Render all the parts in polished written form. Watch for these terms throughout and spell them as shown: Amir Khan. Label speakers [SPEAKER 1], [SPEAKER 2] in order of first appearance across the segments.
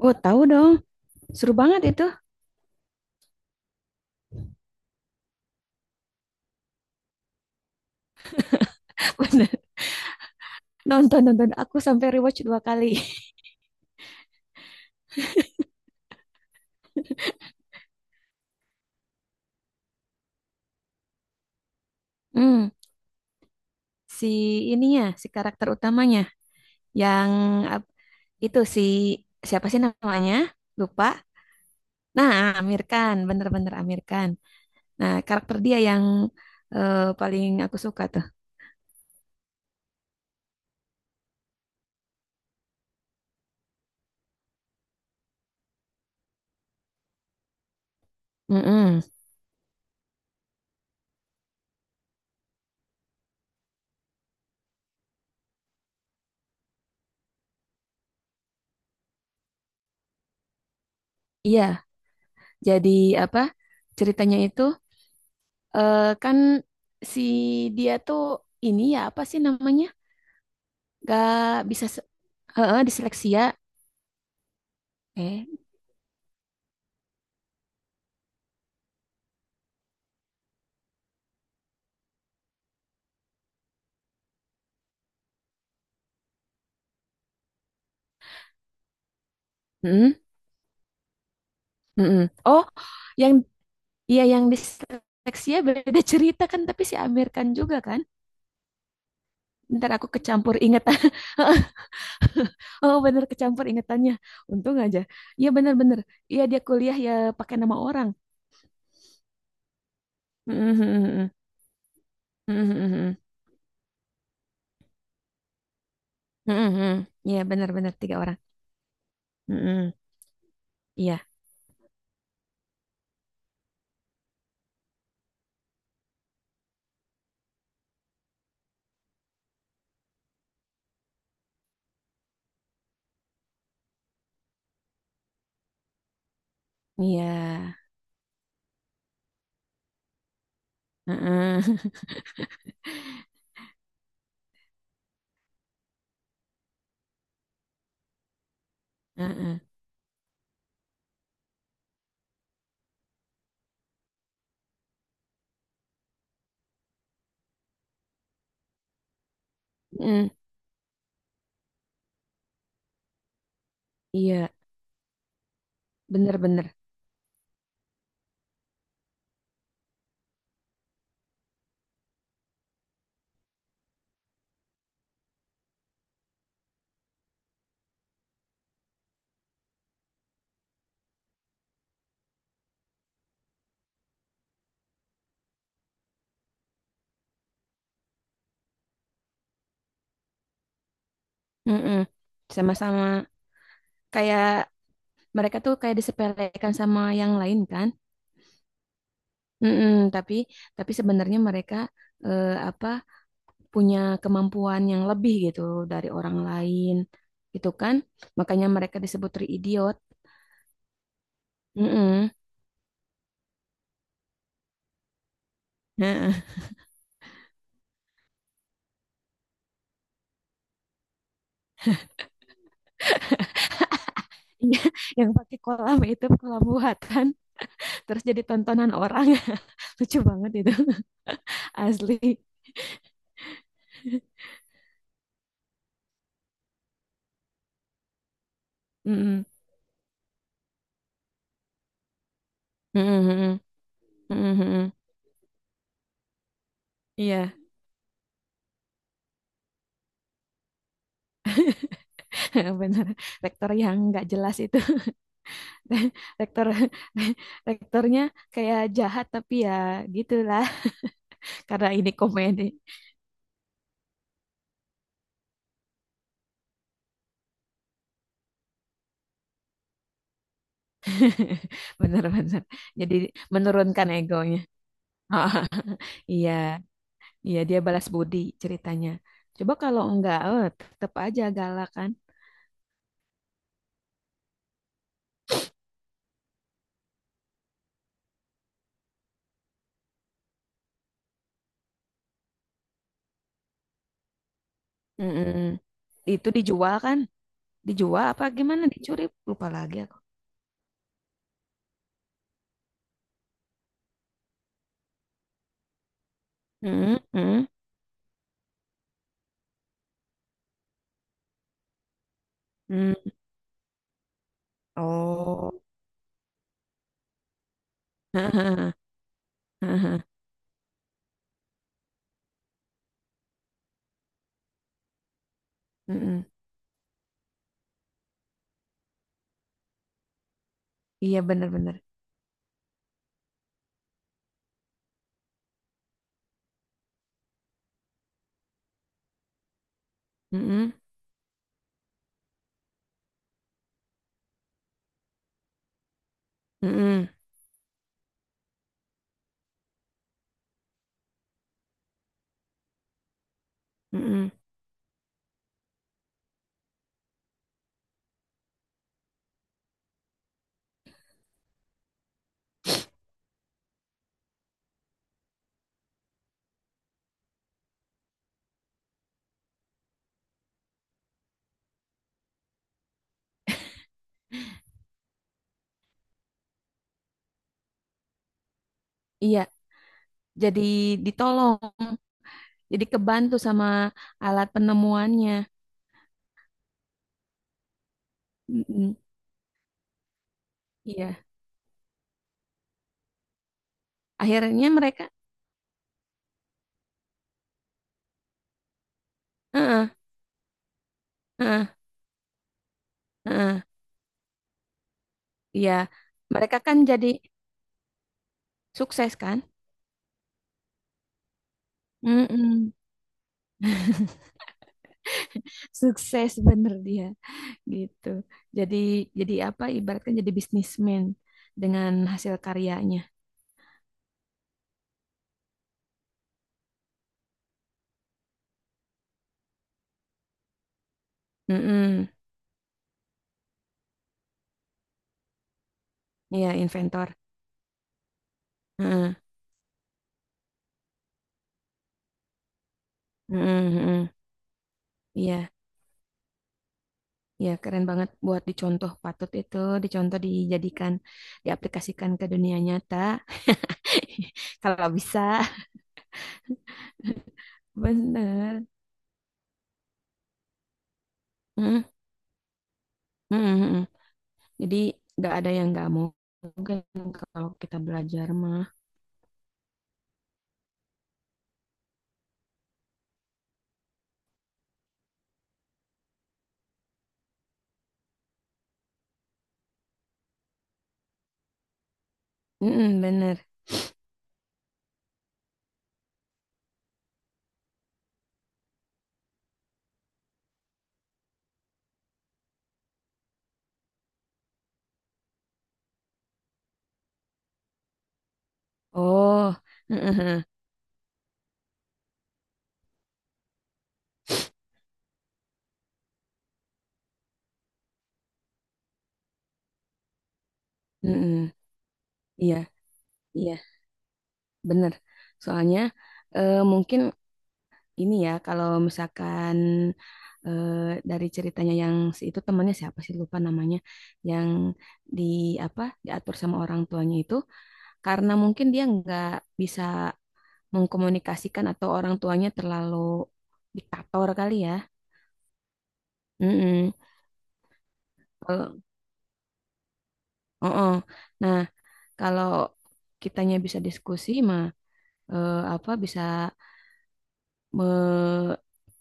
[SPEAKER 1] Oh, tahu dong. Seru banget itu. Bener. Nonton-nonton aku sampai rewatch dua kali. Hmm, si ininya, si karakter utamanya yang ap- itu si siapa sih namanya? Lupa. Nah, Amir Khan, bener-bener Amir Khan. Nah, karakter dia yang paling aku suka tuh. Mm-mm. Iya, jadi apa? Ceritanya itu kan si dia tuh ini ya apa sih namanya? Gak bisa se- Heeh, disleksia. Eh, Mm-mm, mm-mm. Oh, yang iya yang disleksia beda cerita kan, tapi si Amir Khan juga kan. Ntar aku kecampur ingetan. Oh, bener kecampur ingetannya. Untung aja. Iya bener-bener. Iya dia kuliah ya pakai nama orang. Mm-mm, mm-mm, mm-mm, mm-mm, mm-mm, mm-mm. Iya bener-bener tiga orang. Mm-mm. Iya, iya. Mm-mm, mm-mm, mm-mm. Iya, bener-bener. Mm-mm. Sama-sama kayak mereka tuh kayak disepelekan sama yang lain kan. Mm-mm, tapi sebenarnya mereka eh, apa punya kemampuan yang lebih gitu dari orang lain gitu kan. Makanya mereka disebut tri idiot. Mm-mm. Heeh. Iya, yang pakai kolam itu kolam buatan terus jadi tontonan orang. Lucu banget itu. Asli. Mm-mm. Mm-mm, mm-mm, mm-mm, mm-mm. Iya, benar. Rektor yang nggak jelas itu. rektor rektornya kayak jahat tapi ya gitulah karena ini komedi bener-bener jadi menurunkan egonya Ah, iya, iya dia balas budi ceritanya coba kalau enggak tetep aja galak kan. Mm-mm. Itu dijual kan, dijual apa gimana dicuri, lupa lagi aku. Mm-mm, mm, mm. Oh. Mm-mm. Iya bener-bener. Mm-mm, mm-mm, mm-mm. Iya jadi ditolong, jadi kebantu sama alat penemuannya. Mm. Iya, akhirnya mereka, heeh, heeh, heeh, iya, mereka kan jadi sukses kan? Mm-mm. Sukses bener dia, gitu. Jadi, jadi apa? Ibaratkan jadi bisnismen dengan hasil karyanya. Mm-mm. Iya, inventor. Heeh, heeh, heeh. Iya. Ya, keren banget buat dicontoh patut itu, dicontoh dijadikan, diaplikasikan ke dunia nyata. Kalau bisa, bener. Mm, mm, mm, mm. Jadi nggak ada yang nggak mau mungkin kalau kita belajar mah. Mm, mm, bener. Oh, mm, mm, mm, mm, mm. Iya, iya, bener. Soalnya mungkin ini ya kalau misalkan eh, dari ceritanya yang si itu temannya siapa sih lupa namanya yang di apa diatur sama orang tuanya itu karena mungkin dia nggak bisa mengkomunikasikan atau orang tuanya terlalu diktator kali ya. Mm-mm. Kalau oh, nah, kalau kitanya bisa diskusi mah eh, apa bisa me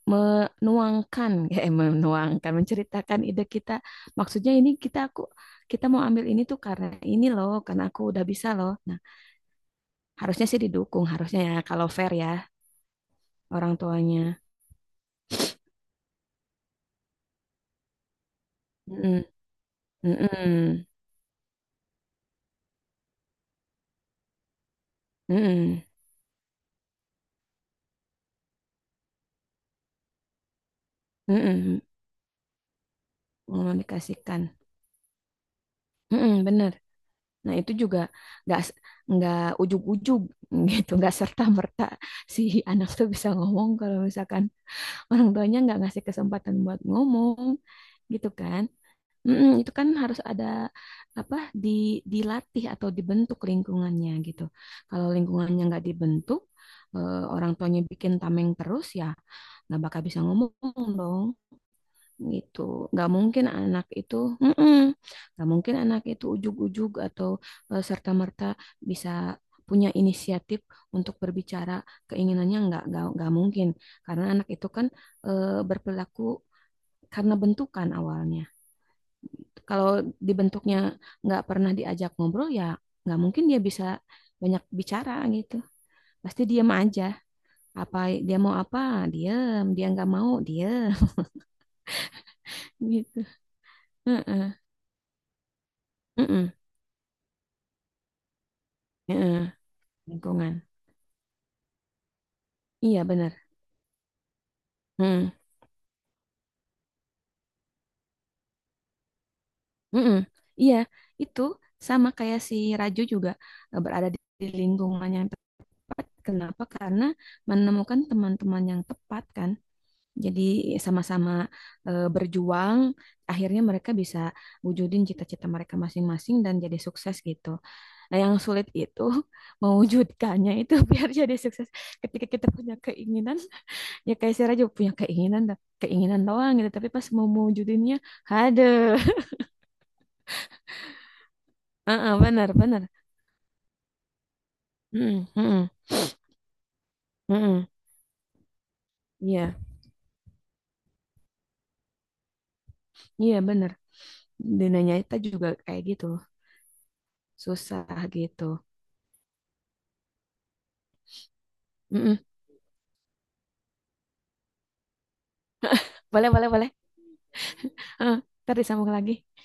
[SPEAKER 1] menuangkan ya menuangkan menceritakan ide kita, maksudnya ini aku kita mau ambil ini tuh karena ini loh karena aku udah bisa loh, nah harusnya sih didukung, harusnya ya kalau fair ya orang tuanya. Mm, mm, mm, mm, mm, mm, mengomunikasikan. Mm-mm, bener, nah itu juga nggak s- nggak ujug-ujug gitu nggak serta-merta si anak tuh bisa ngomong kalau misalkan orang tuanya nggak ngasih kesempatan buat ngomong gitu kan. Mm-mm, itu kan harus ada apa di dilatih atau dibentuk lingkungannya gitu. Kalau lingkungannya nggak dibentuk, orang tuanya bikin tameng terus ya nggak bakal bisa ngomong dong gitu. Nggak mungkin anak itu, mm-mm, nggak mungkin anak itu ujug-ujug atau serta-merta bisa punya inisiatif untuk berbicara keinginannya nggak mungkin karena anak itu kan berperilaku karena bentukan awalnya. Kalau dibentuknya nggak pernah diajak ngobrol ya nggak mungkin dia bisa banyak bicara gitu. Pasti diam aja. Apa dia mau apa? Diam. Dia nggak mau diam gitu. Heeh. Heeh. Heeh. Lingkungan. Iya benar. Heeh. Heeh. Iya itu sama kayak si Raju juga berada di lingkungan yang tepat. Kenapa? Karena menemukan teman-teman yang tepat kan. Jadi sama-sama berjuang, akhirnya mereka bisa wujudin cita-cita mereka masing-masing dan jadi sukses gitu. Nah, yang sulit itu mewujudkannya itu biar jadi sukses. Ketika kita punya keinginan, ya kayak saya aja punya keinginan, dah, keinginan doang gitu. Tapi pas mau mewujudinnya, ada. Heeh, benar, benar. Heeh, heeh, heeh. Iya, iya benar. Dunianya kita juga kayak gitu, susah gitu. Heeh. Boleh, boleh, boleh. Heeh, ntar disambung lagi.